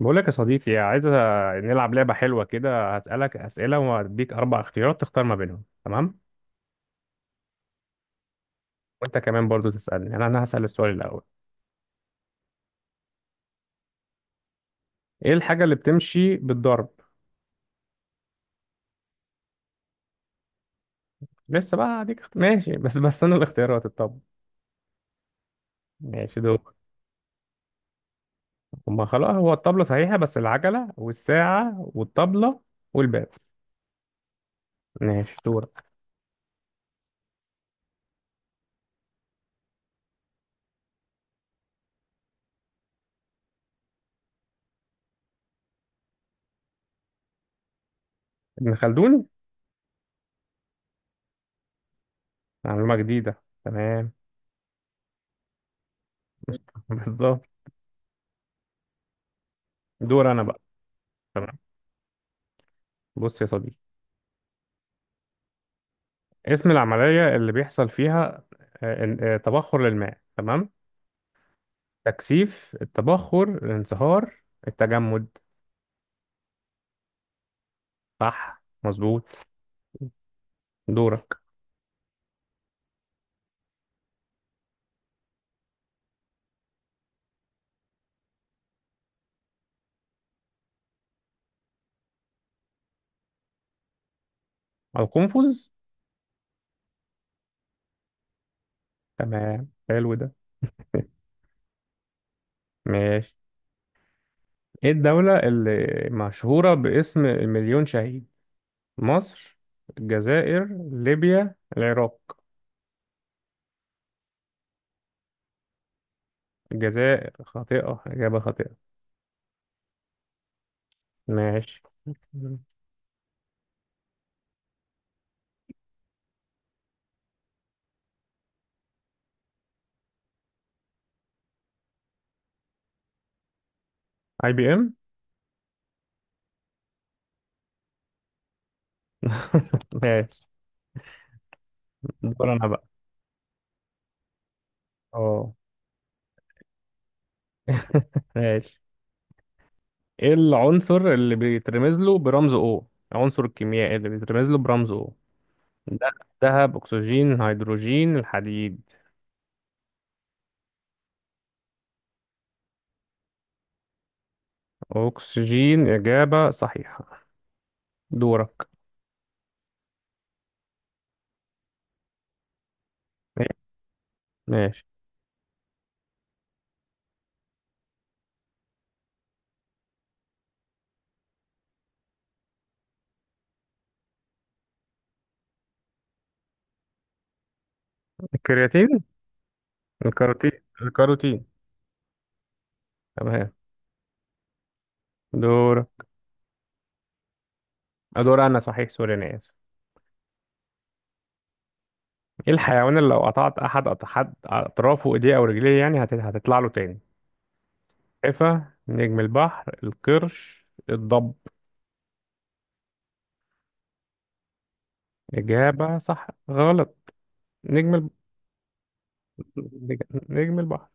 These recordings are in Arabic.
بقول لك يا صديقي، عايز نلعب لعبة حلوة كده. هسألك أسئلة وهديك 4 اختيارات تختار ما بينهم، تمام؟ وأنت كمان برضو تسألني. أنا هسأل السؤال الأول. إيه الحاجة اللي بتمشي بالضرب؟ لسه بقى هديك ماشي. بس أنا الاختيارات الطب، ماشي دول. هما خلاص، هو الطبلة صحيحة، بس العجلة والساعة والطبلة والباب. ماشي، دور. ابن خلدون، معلومة جديدة، تمام. بالظبط. دور أنا بقى. تمام. بص يا صديقي، اسم العملية اللي بيحصل فيها تبخر للماء، تمام؟ تكثيف، التبخر، الانصهار، التجمد. صح، مظبوط. دورك. القنفذ. تمام، حلو ده. ماشي. ايه الدولة اللي مشهورة باسم المليون شهيد؟ مصر، الجزائر، ليبيا، العراق. الجزائر خاطئة، إجابة خاطئة. ماشي. IBM. ماشي. دور انا بقى. اه. ماشي. ايه العنصر اللي بيترمز له برمز او، العنصر الكيميائي اللي بيترمز له برمز او ده؟ ذهب، اكسجين، هيدروجين، الحديد. اكسجين، اجابة صحيحة. دورك. إيه؟ ماشي. الكرياتين. الكاروتين. الكاروتين. تمام. دور. دور انا صحيح، سوري، انا اسف. ايه الحيوان اللي لو قطعت احد اطرافه، ايديه او رجليه يعني، هتطلع له تاني؟ السلحفة، نجم البحر، القرش، الضب. اجابة صح غلط. نجم. نج- نجم البحر.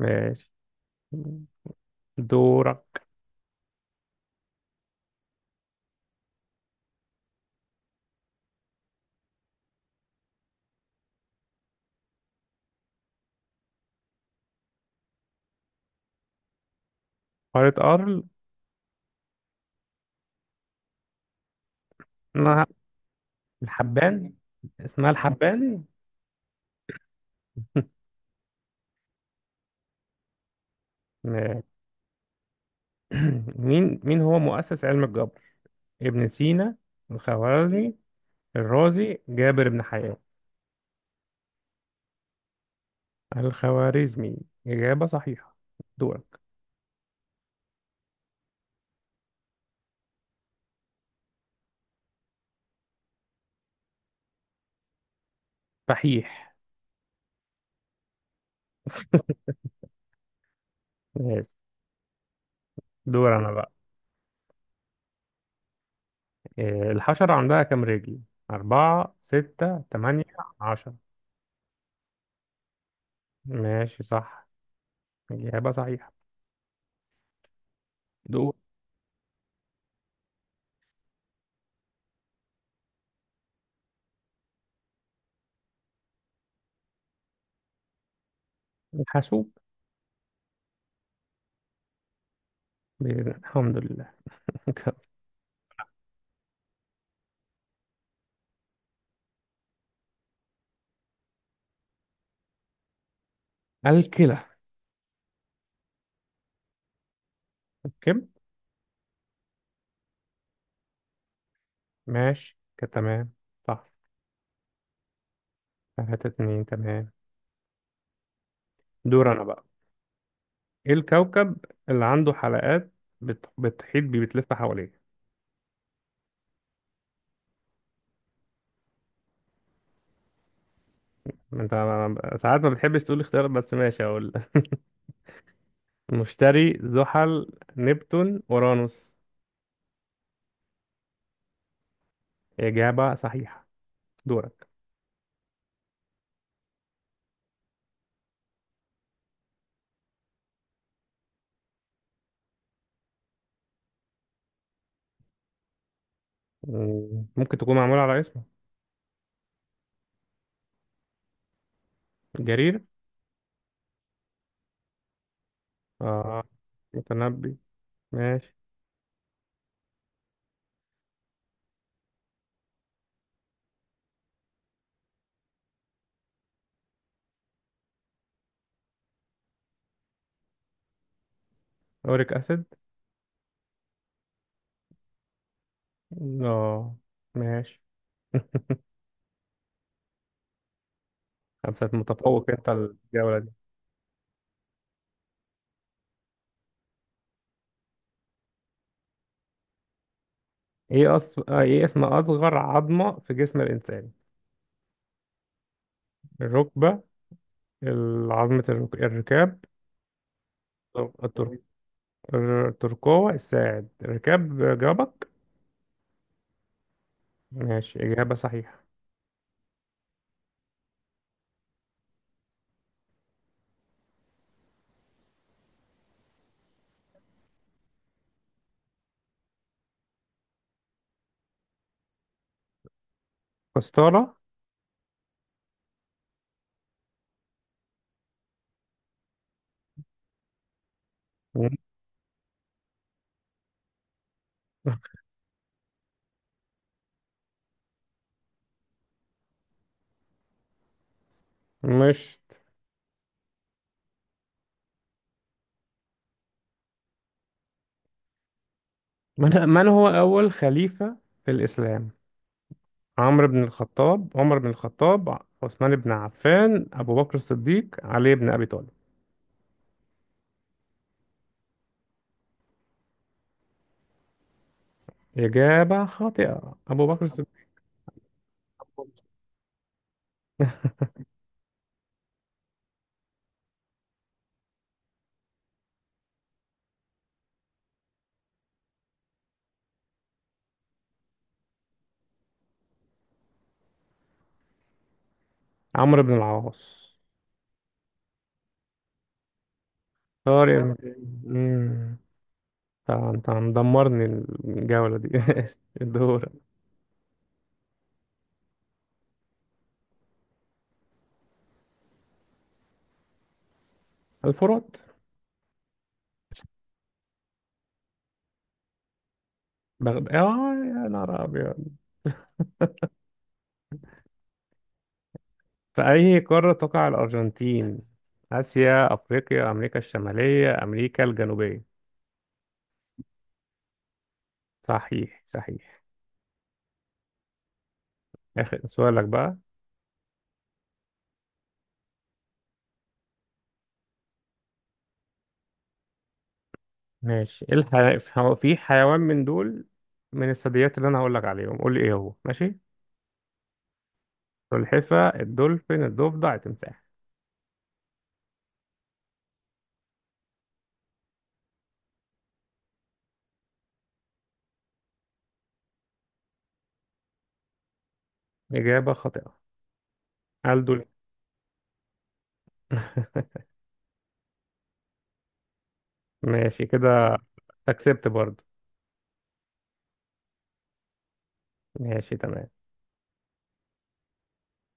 ماشي، دورك. قارة أرل. اسمها الحبان. اسمها الحبان. ماشي. مين هو مؤسس علم الجبر؟ ابن سينا، الخوارزمي، الرازي، جابر بن حيان. الخوارزمي، إجابة صحيحة. دورك. صحيح. ماشي. دور أنا بقى. إيه، الحشرة عندها كام رجل؟ 4، 6، 8، 10. ماشي صح، إجابة صحيحة. دور. الحاسوب. الحمد لله. الكلى. كم؟ ماشي كده، تمام. صح. 3-2، تمام. دور أنا بقى. إيه الكوكب اللي عنده حلقات بتحيط بيه، بتلف حواليه؟ ما أنت ساعات ما بتحبش تقول اختيارات، بس ماشي أقول. مشتري، زحل، نبتون، أورانوس. إجابة صحيحة. دورك. مم، ممكن تكون معمولة على اسمه. جرير. آه، متنبي. ماشي. أوريك أسيد. آه. ماشي. خمسة، متفوق انت الجولة دي. ايه أص... آه، ايه اسم اصغر عظمة في جسم الانسان؟ الركبة، عظمة الركاب. التر... الترقوة، الساعد، الركاب، جابك. ماشي، إجابة صحيحة. قسطرة. مش. من هو أول خليفة في الإسلام؟ عمرو بن الخطاب، عمر بن الخطاب، عثمان بن عفان، أبو بكر الصديق، علي بن أبي طالب. إجابة خاطئة، أبو بكر الصديق. عمرو بن العاص. طارق. امم، انت مدمرني الجولة دي. الدورة. الفرات. بغداد اه، يا نهار ابيض. في اي قارة تقع الارجنتين؟ اسيا، افريقيا، امريكا الشمالية، امريكا الجنوبية. صحيح، صحيح. اخر سؤالك بقى. ماشي. ايه في حيوان من دول، من الثدييات، اللي انا هقول لك عليهم قول لي ايه هو، ماشي؟ سلحفة، الدولفين، الضفدع، التمساح. اجابة خاطئة، الدولفين. ماشي كده. اكسبت برضه. ماشي، تمام.